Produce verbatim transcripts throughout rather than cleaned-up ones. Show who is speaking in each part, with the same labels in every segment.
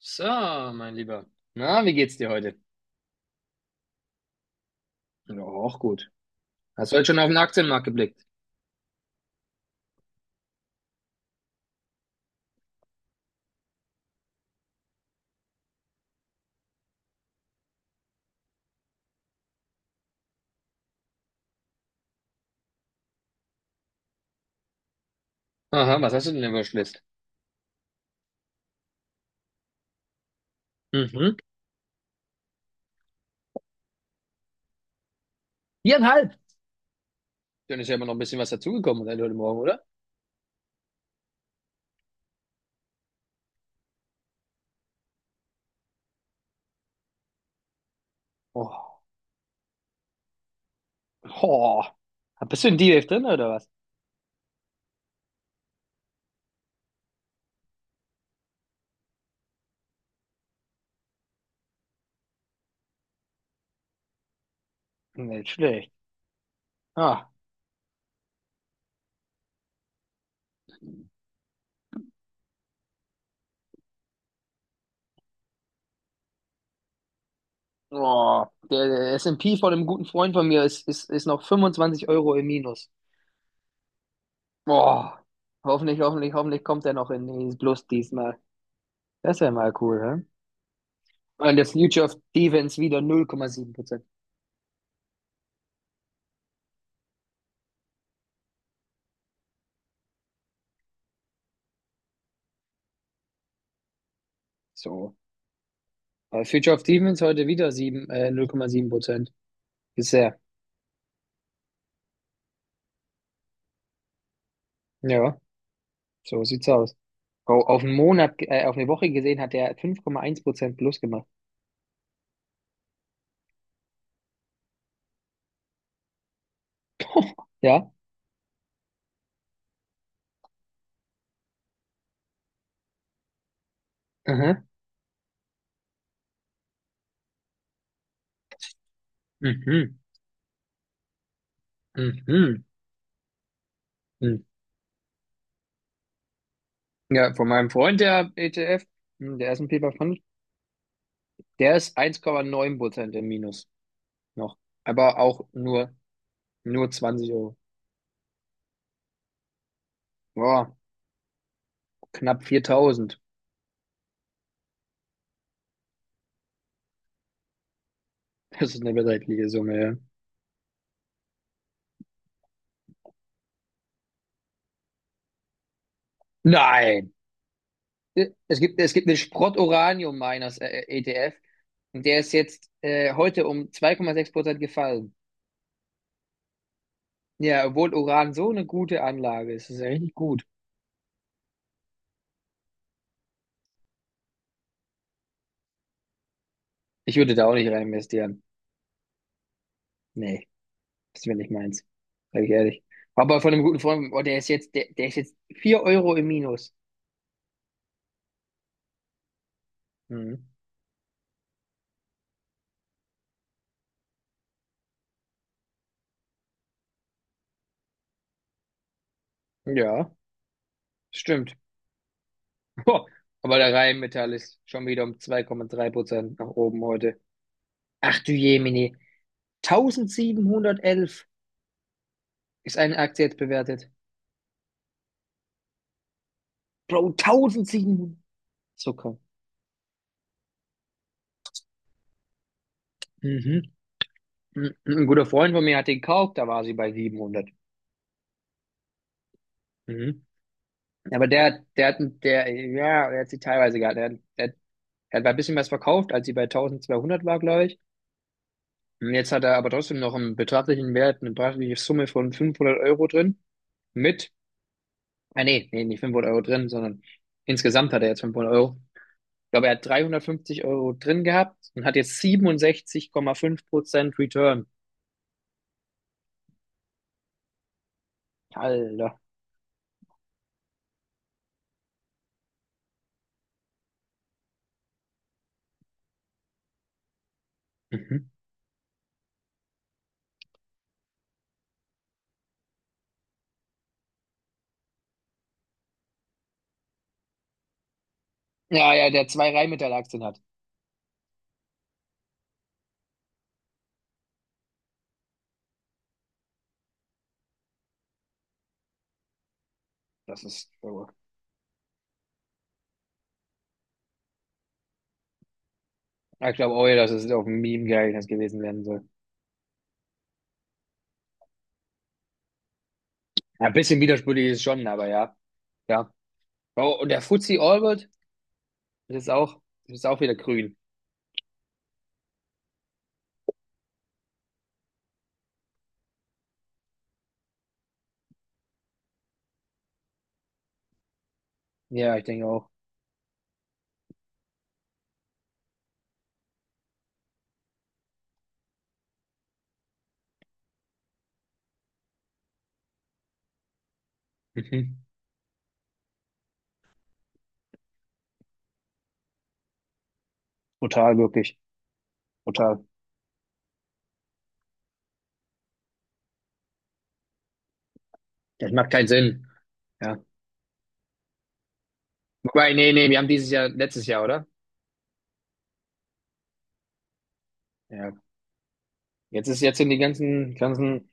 Speaker 1: So, mein Lieber. Na, wie geht's dir heute? Ja, auch gut. Hast du heute schon auf den Aktienmarkt geblickt? Aha, was hast du denn in der Watchlist? Mhm. Viereinhalb. Dann ist ja immer noch ein bisschen was dazugekommen seit heute Morgen, oder? Oh, oh. Bist du in D-Wave drin oder was? Nicht schlecht. Ah. Oh, der, der S und P von einem guten Freund von mir ist, ist, ist noch fünfundzwanzig Euro im Minus. Oh, hoffentlich, hoffentlich, hoffentlich kommt er noch in den Plus diesmal. Das wäre mal cool, ne? Und das Future of Defense wieder null Komma sieben Prozent. So. Aber Future of Demons heute wieder sieben, äh, null Komma sieben Prozent. Bisher. Ja, so sieht's aus. Oh, auf einen Monat, ge- äh, auf eine Woche gesehen hat er fünf Komma eins Prozent plus gemacht. Ja? Aha. Mhm. Mhm. Mhm. Ja, von meinem Freund, der E T F, hm, der S und P fünfhundert, der ist eins Komma neun Prozent im Minus noch. Aber auch nur, nur zwanzig Euro. Boah, knapp viertausend. Das ist eine beträchtliche Summe, ja. Nein! Äh, Es gibt, es gibt einen Sprott-Uranium-Miners, äh, E T F. Und der ist jetzt äh, heute um zwei Komma sechs Prozent gefallen. Ja, obwohl Uran so eine gute Anlage ist. Das ist ja richtig gut. Ich würde da auch nicht rein investieren. Nee, das wäre nicht meins. Sag ich ehrlich. Aber von einem guten Freund, oh, der ist jetzt, der, der ist jetzt vier Euro im Minus. Mhm. Ja, stimmt. Boah. Aber der Rheinmetall ist schon wieder um zwei Komma drei Prozent nach oben heute. Ach du Jemini, siebzehnhundertelf ist eine Aktie jetzt bewertet. Bro, eintausendsiebenhundert. Zucker. Mhm. Ein ein guter Freund von mir hat den gekauft, da war sie bei siebenhundert. Mhm. Aber der, hat- der hat, der, ja, der hat sie teilweise gehabt. Der, hat- der, hat- der hat ein bisschen was verkauft, als sie bei zwölfhundert war, glaube ich. Und jetzt hat er aber trotzdem noch einen beträchtlichen Wert, eine beträchtliche Summe von fünfhundert Euro drin. Mit, ah, nee, nee, nicht fünfhundert Euro drin, sondern insgesamt hat er jetzt fünfhundert Euro. Ich glaube, er hat dreihundertfünfzig Euro drin gehabt und hat jetzt siebenundsechzig Komma fünf Prozent Return. Alter. Mhm. Ja, ja, der zwei Rheinmetall-Aktien hat. Das ist, ja, ich glaube auch, dass es auf ein Meme geeignet gewesen werden soll. Ja, ein bisschen widersprüchlich ist es schon, aber ja. Ja. Oh, und der Fuzzy Albert, das ist auch, das ist auch wieder grün. Ja, ich denke auch. Mhm. Brutal, wirklich. Brutal. Das macht keinen Sinn. Ja. Wobei, nee, nee, wir haben dieses Jahr, letztes Jahr, oder? Ja. Jetzt ist, jetzt sind die ganzen, ganzen,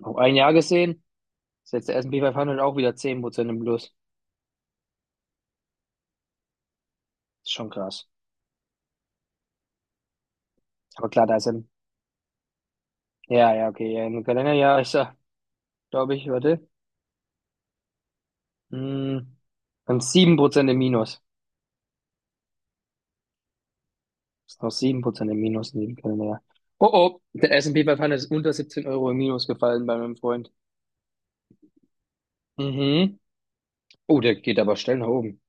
Speaker 1: auf ein Jahr gesehen, ist jetzt der S und P fünfhundert auch wieder zehn Prozent im Plus. Ist schon krass. Aber klar, da ist ein, ja, ja, okay, ja, im Kalenderjahr ist er, glaube ich, warte. Mm, Dann sieben Prozent im Minus. Ist noch sieben Prozent im Minus in dem Kalender. Oh oh, der S S&P fünfhundert ist unter siebzehn Euro im Minus gefallen bei meinem Freund. Mhm. Oh, der geht aber schnell nach oben.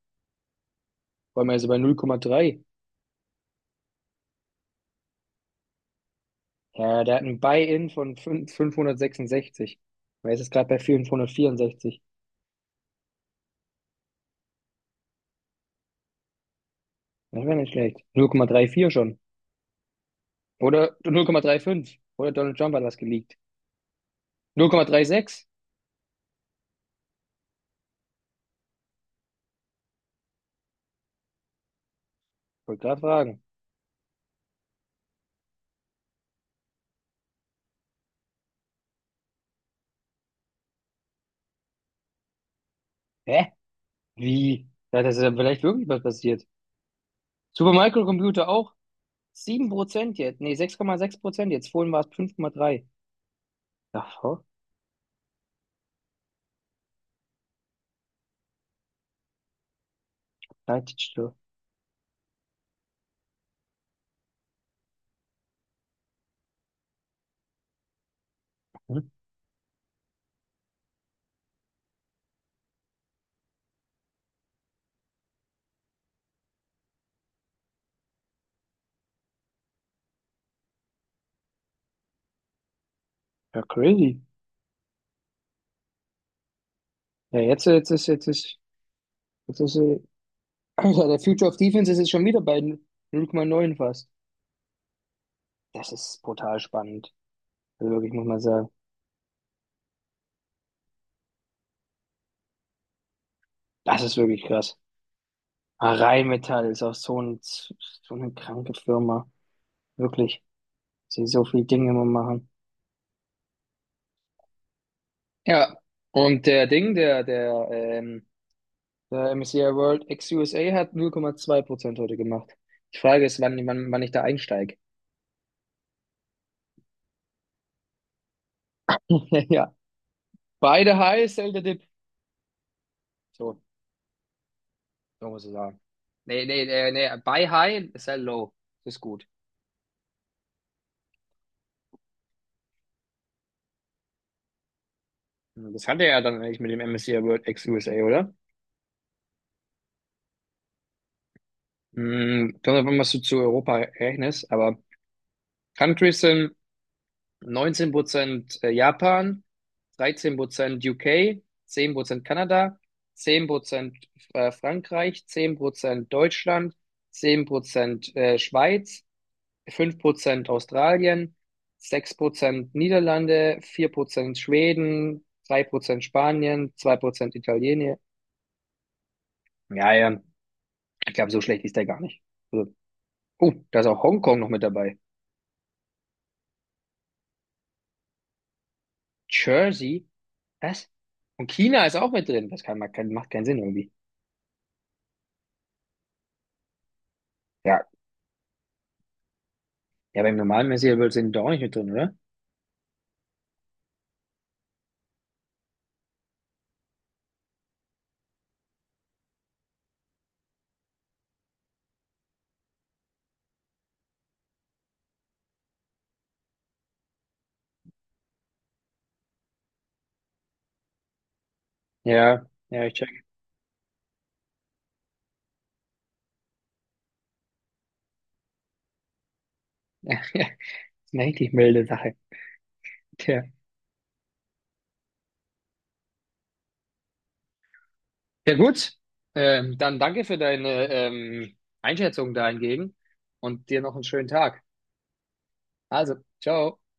Speaker 1: Vor allem ist er bei null Komma drei. Ja, der hat ein Buy-in von 5, fünfhundertsechsundsechzig. Er ist jetzt gerade bei fünfhundertvierundsechzig. Das wäre nicht schlecht. null Komma vierunddreißig schon. Oder null Komma drei fünf. Oder Donald Trump hat was geleakt. null Komma sechsunddreißig? Wollte gerade fragen. Hä? Wie? Ja, das ist ja vielleicht wirklich was passiert. Super Microcomputer auch sieben Prozent jetzt. Nee, sechs sechs Komma sechs Prozent jetzt. Vorhin war es fünf Komma drei. Ja, voll. Hm? Ja, crazy. Ja, jetzt, jetzt ist, jetzt ist, jetzt ist, äh, also der Future of Defense ist jetzt schon wieder bei null Komma neun fast. Das ist brutal spannend. Also wirklich, muss man sagen. Das ist wirklich krass. Ah, Rheinmetall ist auch so ein, so eine kranke Firma. Wirklich. Sie so viele Dinge immer machen. Ja. Und der Ding, der, der, ähm, Der M S C I World ex-U S A hat null Komma zwei Prozent heute gemacht. Die Frage ist, wann, wann, wann ich da einsteige. Ja, beide the high, sell the dip. So, so muss ich sagen. Nee, nee, nee, nee, buy high, sell low. Das ist gut. Das hatte er ja dann eigentlich mit dem M S C I World ex-U S A, oder? Hm, kommt davon, was du zu Europa rechnest, aber Countries sind neunzehn Prozent Japan, dreizehn Prozent U K, Prozent Kanada, zehn Prozent äh, Frankreich, zehn Prozent Deutschland, zehn Prozent äh, Schweiz, fünf Prozent Australien, sechs Prozent Niederlande, vier Prozent Schweden, drei Prozent Spanien, zwei Prozent Italien. Ja, ja, ich glaube, so schlecht ist der gar nicht. Also, oh, da ist auch Hongkong noch mit dabei. Jersey, was? Und China ist auch mit drin. Das kann, macht keinen Sinn irgendwie. Ja, ja beim normalen Messier-World sind die doch auch nicht mit drin, oder? Ja, ja, ich check. Ja, ist eine richtig milde Sache. Tja. Ja, gut. Ähm, dann danke für deine ähm, Einschätzung dahingegen und dir noch einen schönen Tag. Also, ciao.